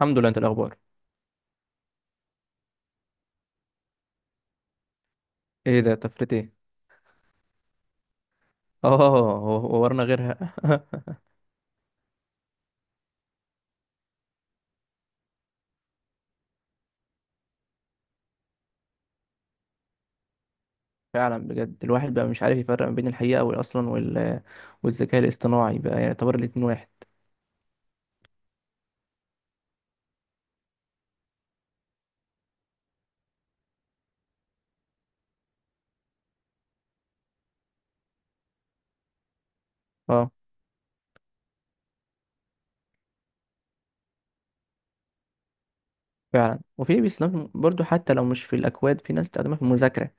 الحمد لله. انت الاخبار؟ ايه ده؟ طفرت ايه؟ اه. ورنا غيرها. فعلا، بجد الواحد بقى مش عارف يفرق ما بين الحقيقه اصلا والذكاء الاصطناعي بقى يعني يعتبر الاتنين واحد. اه. فعلا، وفي بيستخدم برضو حتى لو مش في الاكواد، في ناس بتستخدمها في المذاكره.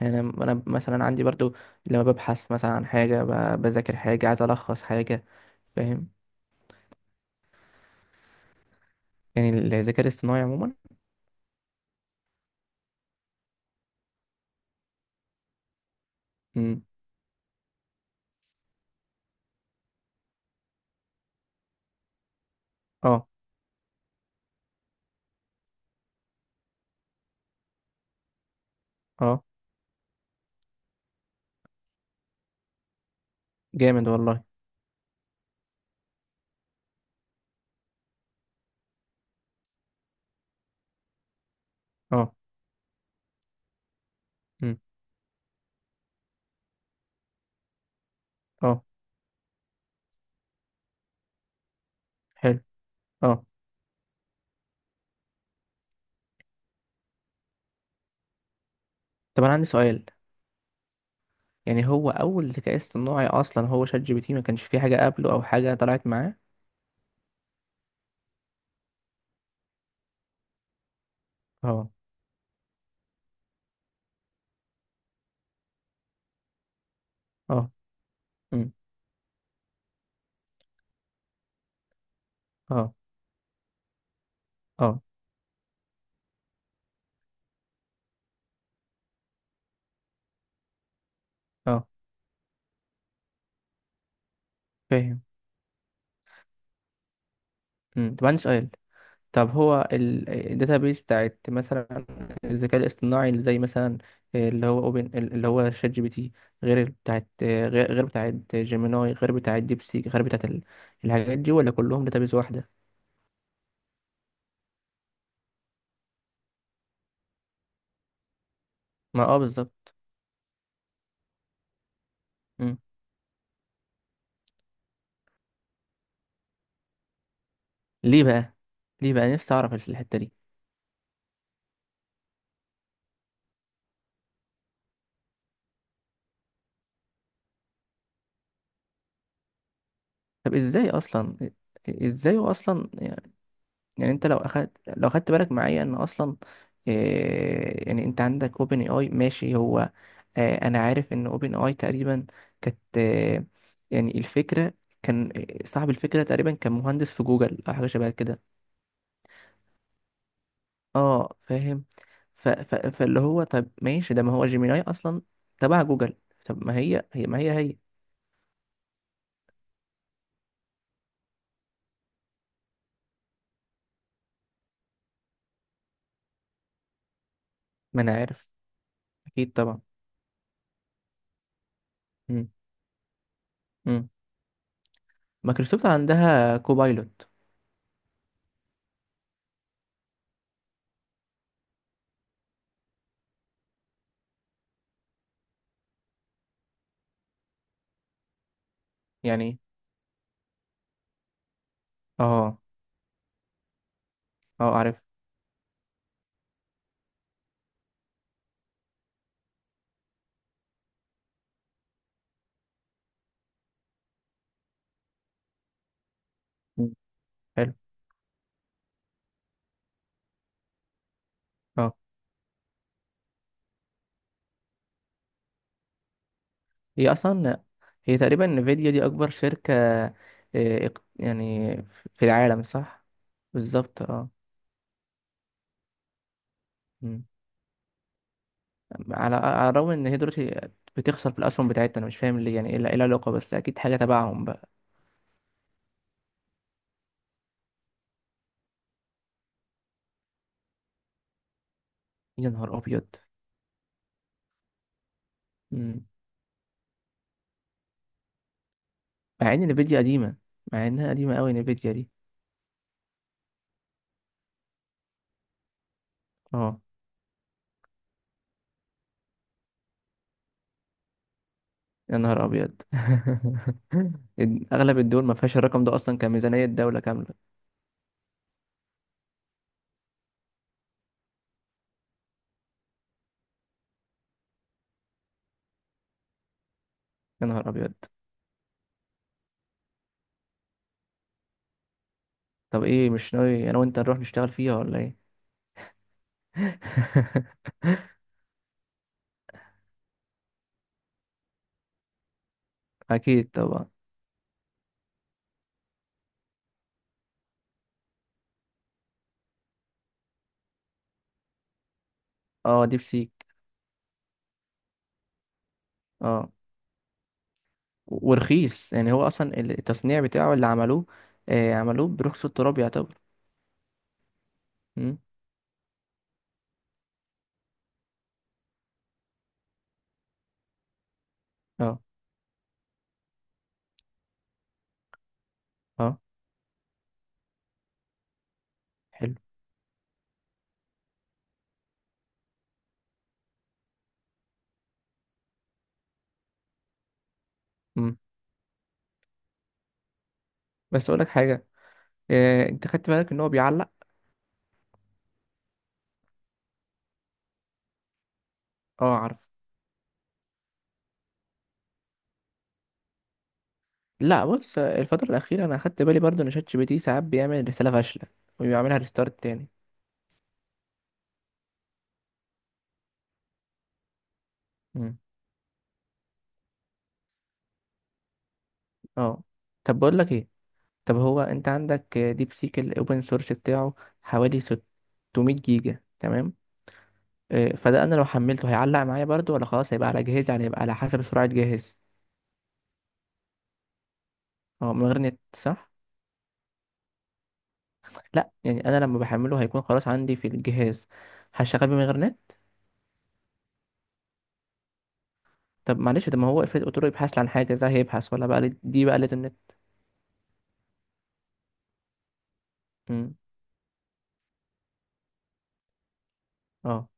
يعني انا مثلا عندي برضو. لما ببحث مثلا عن حاجه، بذاكر حاجه، عايز الخص حاجه. فاهم؟ يعني الذكاء الاصطناعي عموما. امم. اه. اه، جامد والله. اه. امم. اه. حلو. اه. طب انا عندي سؤال. يعني هو اول ذكاء اصطناعي اصلا هو شات جي بي تي؟ ما كانش فيه حاجه قبله او حاجه طلعت معاه؟ اه. اه. أمم. اه. اه. اه، فاهم. أمم. طب، عندي سؤال. طب هو الداتابيس بتاعت مثلا الذكاء الاصطناعي اللي زي مثلا، اللي هو شات جي بي تي، غير بتاعت غير بتاعت جيميناي، غير بتاعت ديبسيك، غير بتاعت الحاجات دي، ولا كلهم داتابيس واحده؟ ما اه، بالظبط. أمم. ليه بقى ليه بقى نفسي اعرف الحته دي؟ طب ازاي اصلا ازاي هو اصلا يعني، يعني انت لو خدت بالك معايا ان اصلا... إيه يعني، انت عندك اوبن اي اي، ماشي، هو... انا عارف ان اوبن اي تقريبا كانت، يعني الفكره، كان... صاحب الفكره تقريبا كان مهندس في جوجل او حاجه شبه كده. اه، فاهم. ف ف فاللي هو، طب ماشي ده، ما هو جيميناي اصلا تبع جوجل. طب، ما هي هي ما انا عارف. اكيد طبعا. مم. مم. مايكروسوفت عندها كوبايلوت. يعني... اه، اه، عارف. مم. حلو. اه. هي اصلا هي تقريبا انفيديا دي اكبر شركة، يعني، في العالم، صح. بالظبط، اه. مم. على الرغم ان هي دلوقتي بتخسر في الاسهم بتاعتها، انا مش فاهم ليه، يعني إيه العلاقة؟ بس اكيد حاجة تبعهم بقى. يا نهار ابيض. مم. مع ان انفيديا قديمة، مع انها قديمة قوي انفيديا دي. اه. يا نهار ابيض. اغلب الدول ما فيهاش الرقم ده اصلا كميزانية دولة كاملة. يا نهار ابيض. طب، ايه، مش ناوي انا وانت نروح نشتغل فيها ولا ايه؟ اكيد طبعا. اه، ديب سيك. اه. ورخيص يعني، هو اصلا التصنيع بتاعه اللي عملوه، عملوه برخص التراب يعتبر. امم. اه. اه. حلو. امم. بس اقول لك حاجه. انت خدت بالك ان هو بيعلق؟ اه، عارف. لا، بص، الفتره الاخيره انا خدت بالي برضو ان شات جي بي تي ساعات بيعمل رساله فاشله، وبيعملها ريستارت تاني. امم. اه. طب بقول لك ايه. طب هو انت عندك ديب سيك الاوبن سورس بتاعه، حوالي 600 جيجا، تمام؟ فده، انا لو حملته هيعلق معايا برضو، ولا خلاص هيبقى على جهازي؟ يعني هيبقى على حسب سرعة جهاز. اه، من غير نت، صح؟ لا يعني، انا لما بحمله هيكون خلاص عندي في الجهاز، هشغل بيه من غير نت. طب معلش، ده ما هو افرض قلت له يبحث لي عن حاجة، ده هيبحث، ولا بقى دي بقى لازم نت؟ مم. اه.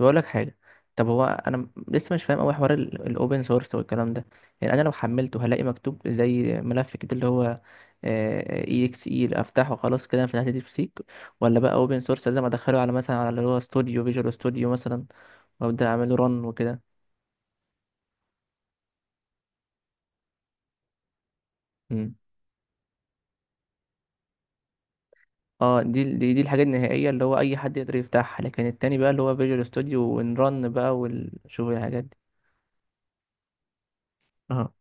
بقول لك حاجه. طب هو انا لسه مش فاهم قوي حوار الاوبن سورس والكلام ده. يعني انا لو حملته هلاقي مكتوب زي ملف كده، اللي هو اي اكس اي، افتحه خلاص كده في ناحيه ديب سيك؟ ولا بقى اوبن سورس لازم ادخله على مثلا، على اللي هو فيجوال ستوديو مثلا، وابدا اعمله رن وكده؟ مم. اه، دي الحاجه النهائيه اللي هو اي حد يقدر يفتحها، لكن التاني بقى اللي هو فيجوال ستوديو، ونرن بقى، وشوف الحاجات دي. اه.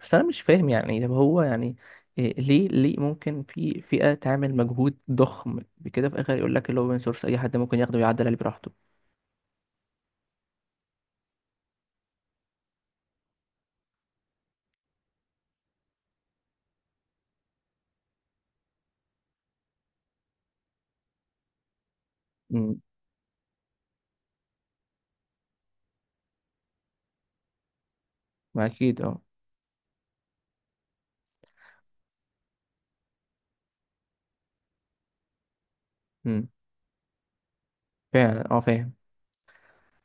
بس انا مش فاهم، يعني طب هو يعني... إيه، ليه ممكن في فئة تعمل مجهود ضخم بكده، في الاخر يقول لك اللي هو open source اي حد ممكن ياخده ويعدل عليه براحته؟ امم. ما اكيد، اه. امم. فعلا، اه فاهم.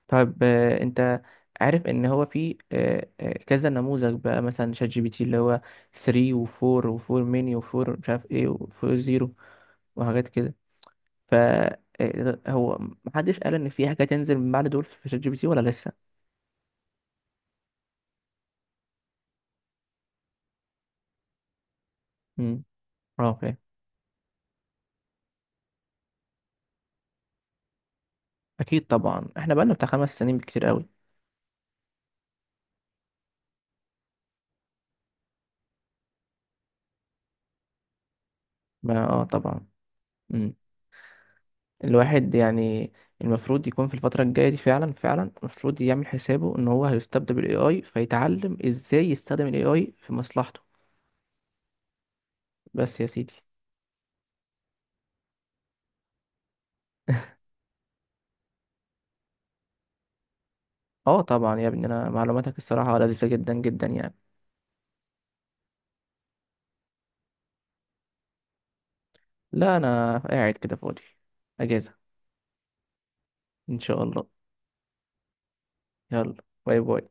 طيب، انت عارف ان هو في كذا نموذج بقى، مثلا شات جي بي تي اللي هو 3 و4 و4 ميني و4 مش عارف ايه و4 زيرو، وحاجات كده. ف... هو محدش قال ان في حاجة تنزل من بعد دول في شات جي بي تي ولا لسه؟ امم. اه، فاهم. اكيد طبعا، احنا بقالنا بتاع 5 سنين بكتير قوي. ما اه، طبعا. مم. الواحد يعني، المفروض يكون في الفترة الجاية دي، فعلا فعلا المفروض يعمل حسابه ان هو هيستبدل بالاي اي، فيتعلم ازاي يستخدم الاي اي في مصلحته. بس يا سيدي. اه طبعا يا ابني، انا معلوماتك الصراحة لذيذة جدا جدا يعني. لا، انا قاعد كده فاضي، اجازة. ان شاء الله. يلا. باي باي.